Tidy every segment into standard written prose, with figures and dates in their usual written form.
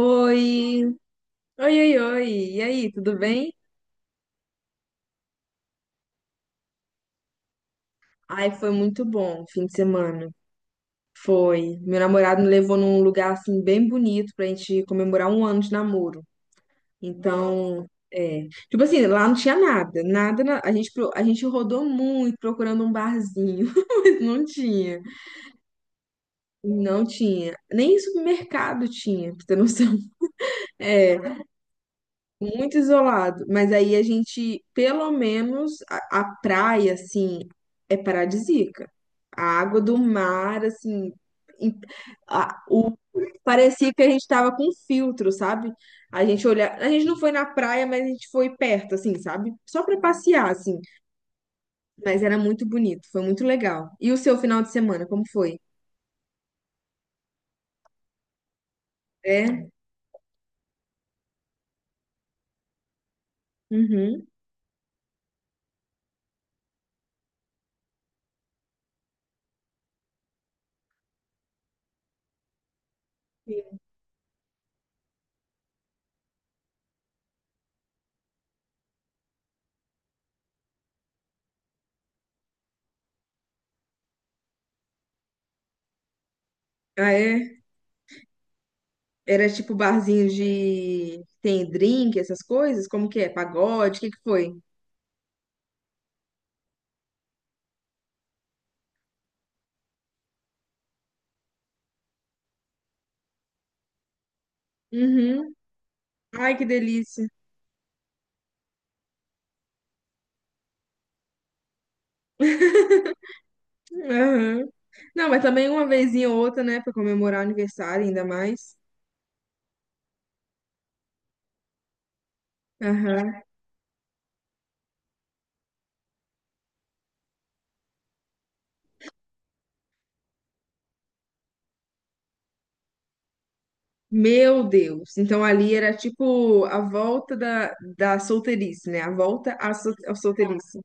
Oi, oi, oi, oi. E aí, tudo bem? Ai, foi muito bom o fim de semana. Foi. Meu namorado me levou num lugar assim bem bonito pra gente comemorar um ano de namoro. Então, é. Tipo assim, lá não tinha nada, nada. Na- A gente, a gente rodou muito procurando um barzinho. Não tinha, não tinha. Nem supermercado tinha, pra ter noção. Muito isolado. Mas aí a gente, pelo menos, a praia, assim, é paradisíaca. A água do mar, assim, em- a- o, parecia que a gente tava com filtro, sabe? A gente olha, a gente não foi na praia, mas a gente foi perto, assim, sabe? Só pra passear, assim. Mas era muito bonito, foi muito legal. E o seu final de semana, como foi? É? Uhum. Ah, é? Era tipo barzinho de... Tem drink, essas coisas? Como que é? Pagode? O que que foi? Uhum. Ai, que delícia. Aham. Não, mas também uma vezinha ou outra, né, pra comemorar o aniversário, ainda mais. Aham. Meu Deus. Então ali era tipo a volta da solteirice, né? A volta à solteirice.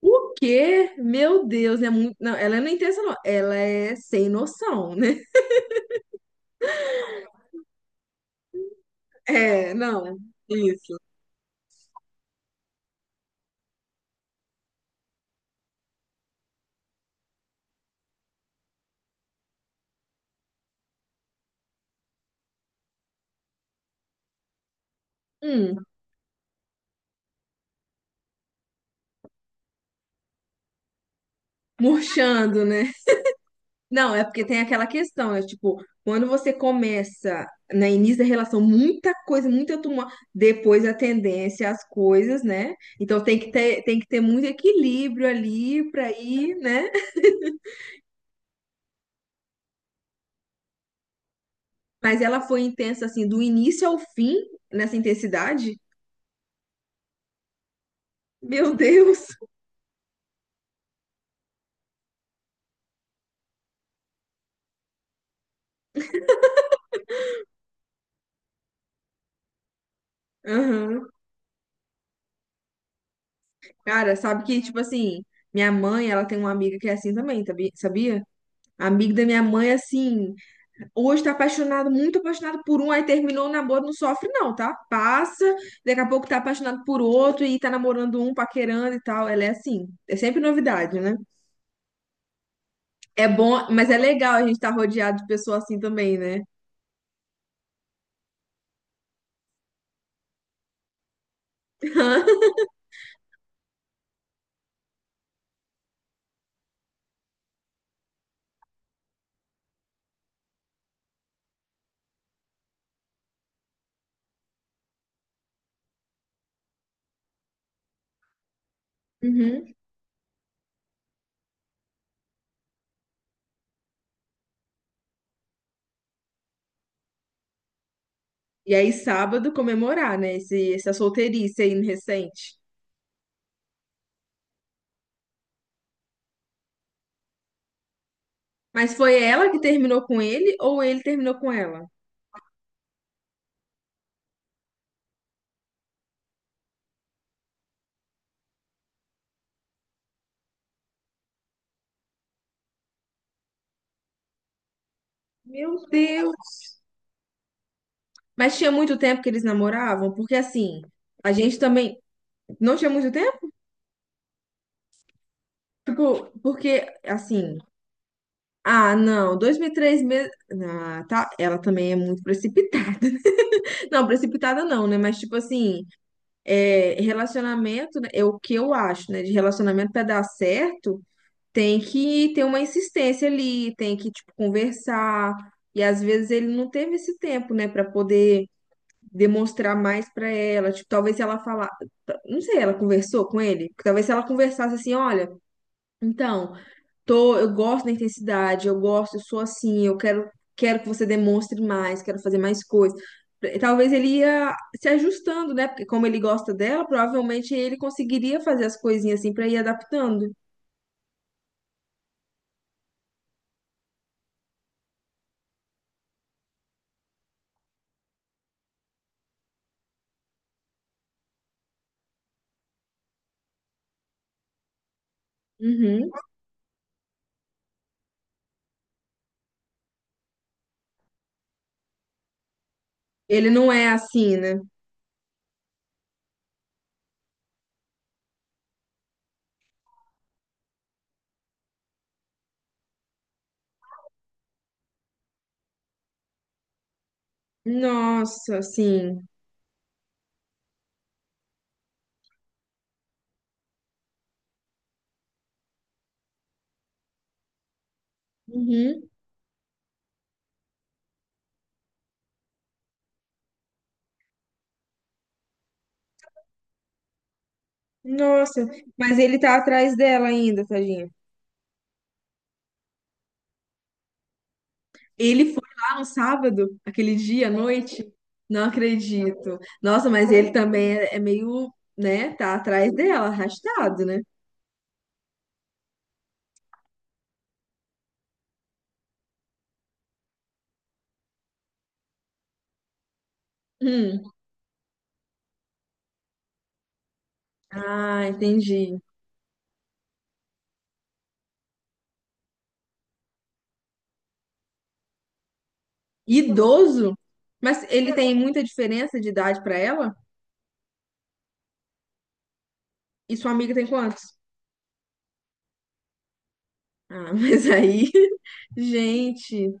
O quê? Meu Deus, é muito. Não, ela não é intensa, não. Ela é sem noção, né? É, não. Isso. Hum, murchando, né? Não, é porque tem aquela questão, é tipo, quando você começa no início da relação, muita coisa, muita tumulto, depois a tendência às coisas, né? Então tem tem que ter muito equilíbrio ali pra ir, né? Mas ela foi intensa assim, do início ao fim, nessa intensidade. Meu Deus! Aham. Cara, sabe que, tipo assim, minha mãe, ela tem uma amiga que é assim também, sabia? A amiga da minha mãe, assim. Hoje tá apaixonado, muito apaixonado por um, aí terminou o namoro, não sofre não, tá? Passa, daqui a pouco tá apaixonado por outro e tá namorando um, paquerando e tal. Ela é assim, é sempre novidade, né? É bom, mas é legal a gente estar rodeado de pessoas assim também, né? Uhum. E aí sábado comemorar, né? Esse, essa solteirice aí recente. Mas foi ela que terminou com ele ou ele terminou com ela? Meu Deus! Mas tinha muito tempo que eles namoravam? Porque assim, a gente também. Não tinha muito. Ficou, porque, assim, ah, não, dois, três meses. Ah, tá, ela também é muito precipitada. Não, precipitada não, né? Mas, tipo assim, é, relacionamento, né, é o que eu acho, né? De relacionamento pra dar certo, tem que ter uma insistência ali, tem que, tipo, conversar. E às vezes ele não teve esse tempo, né, pra poder demonstrar mais pra ela. Tipo, talvez se ela falar, não sei, ela conversou com ele? Talvez se ela conversasse assim, olha. Então, tô, eu gosto da intensidade, eu gosto, eu sou assim, eu quero, quero que você demonstre mais, quero fazer mais coisas. Talvez ele ia se ajustando, né? Porque como ele gosta dela, provavelmente ele conseguiria fazer as coisinhas assim pra ir adaptando. Uhum. Ele não é assim, né? Nossa, assim. Uhum. Nossa, mas ele tá atrás dela ainda, tadinho. Ele foi lá no sábado, aquele dia à noite? Não acredito. Nossa, mas ele também é meio, né? Tá atrás dela, arrastado, né? Hum. Ah, entendi. Idoso? Mas ele tem muita diferença de idade pra ela? E sua amiga tem quantos? Ah, mas aí, gente.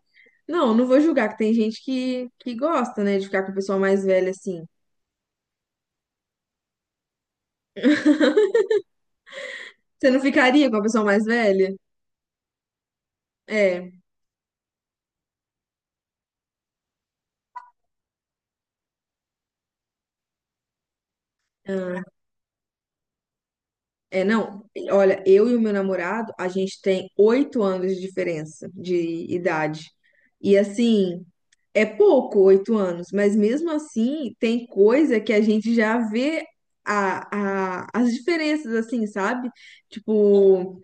Não, não vou julgar, que tem gente que gosta, né, de ficar com a pessoa mais velha assim. Você não ficaria com a pessoa mais velha? É. Ah. É, não, olha, eu e o meu namorado, a gente tem oito anos de diferença de idade. E assim, é pouco oito anos, mas mesmo assim, tem coisa que a gente já vê as diferenças, assim, sabe? Tipo,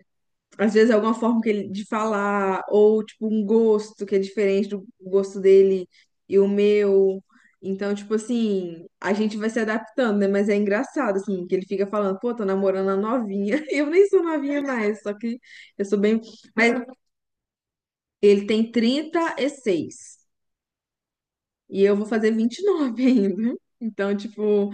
às vezes alguma forma que ele, de falar, ou tipo um gosto que é diferente do gosto dele e o meu. Então, tipo assim, a gente vai se adaptando, né? Mas é engraçado, assim, que ele fica falando, pô, tô namorando a novinha. Eu nem sou novinha mais, só que eu sou bem. Mas ele tem trinta e seis e eu vou fazer 29 ainda. Então, tipo.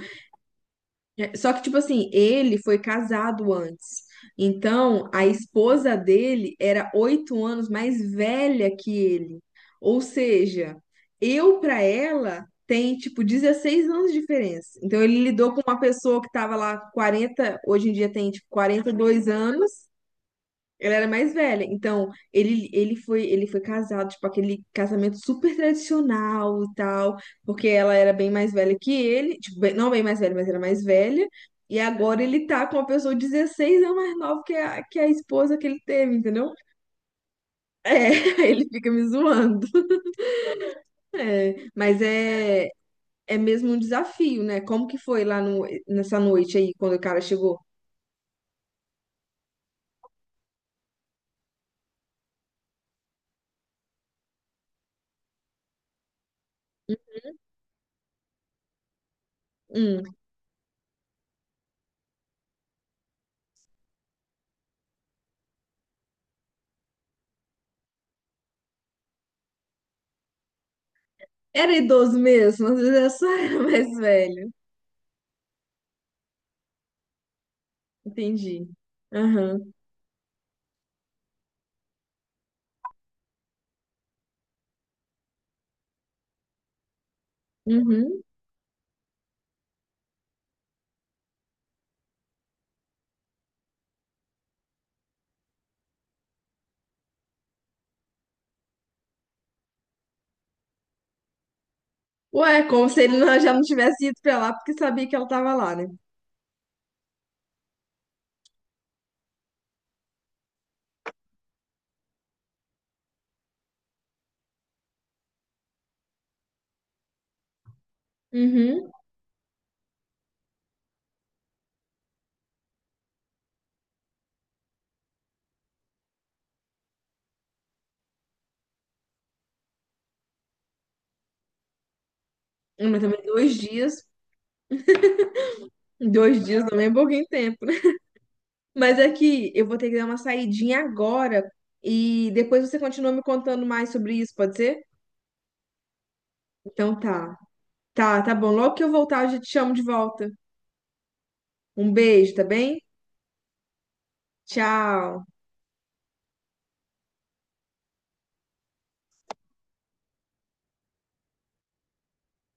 É, só que, tipo assim, ele foi casado antes. Então, a esposa dele era oito anos mais velha que ele. Ou seja, eu pra ela tem, tipo, 16 anos de diferença. Então, ele lidou com uma pessoa que tava lá 40 hoje em dia tem, tipo, quarenta e dois anos, ela era mais velha, então ele foi casado, tipo, aquele casamento super tradicional e tal, porque ela era bem mais velha que ele, tipo, não bem mais velha, mas era mais velha, e agora ele tá com uma pessoa 16 anos mais nova que que a esposa que ele teve, entendeu? É, ele fica me zoando. É, mas é mesmo um desafio, né? Como que foi lá no, nessa noite aí, quando o cara chegou? Hum, era idoso mesmo, às vezes eu só era mais velho. Entendi. Aham. Uhum. Ué, como se ele não- já não tivesse ido pra lá porque sabia que ela tava lá, né? Uhum. Mas também dois dias. Dois dias também é pouquinho tempo, né? Mas é que eu vou ter que dar uma saidinha agora e depois você continua me contando mais sobre isso, pode ser? Então tá. Tá, tá bom. Logo que eu voltar, eu já te chamo de volta. Um beijo, tá bem? Tchau.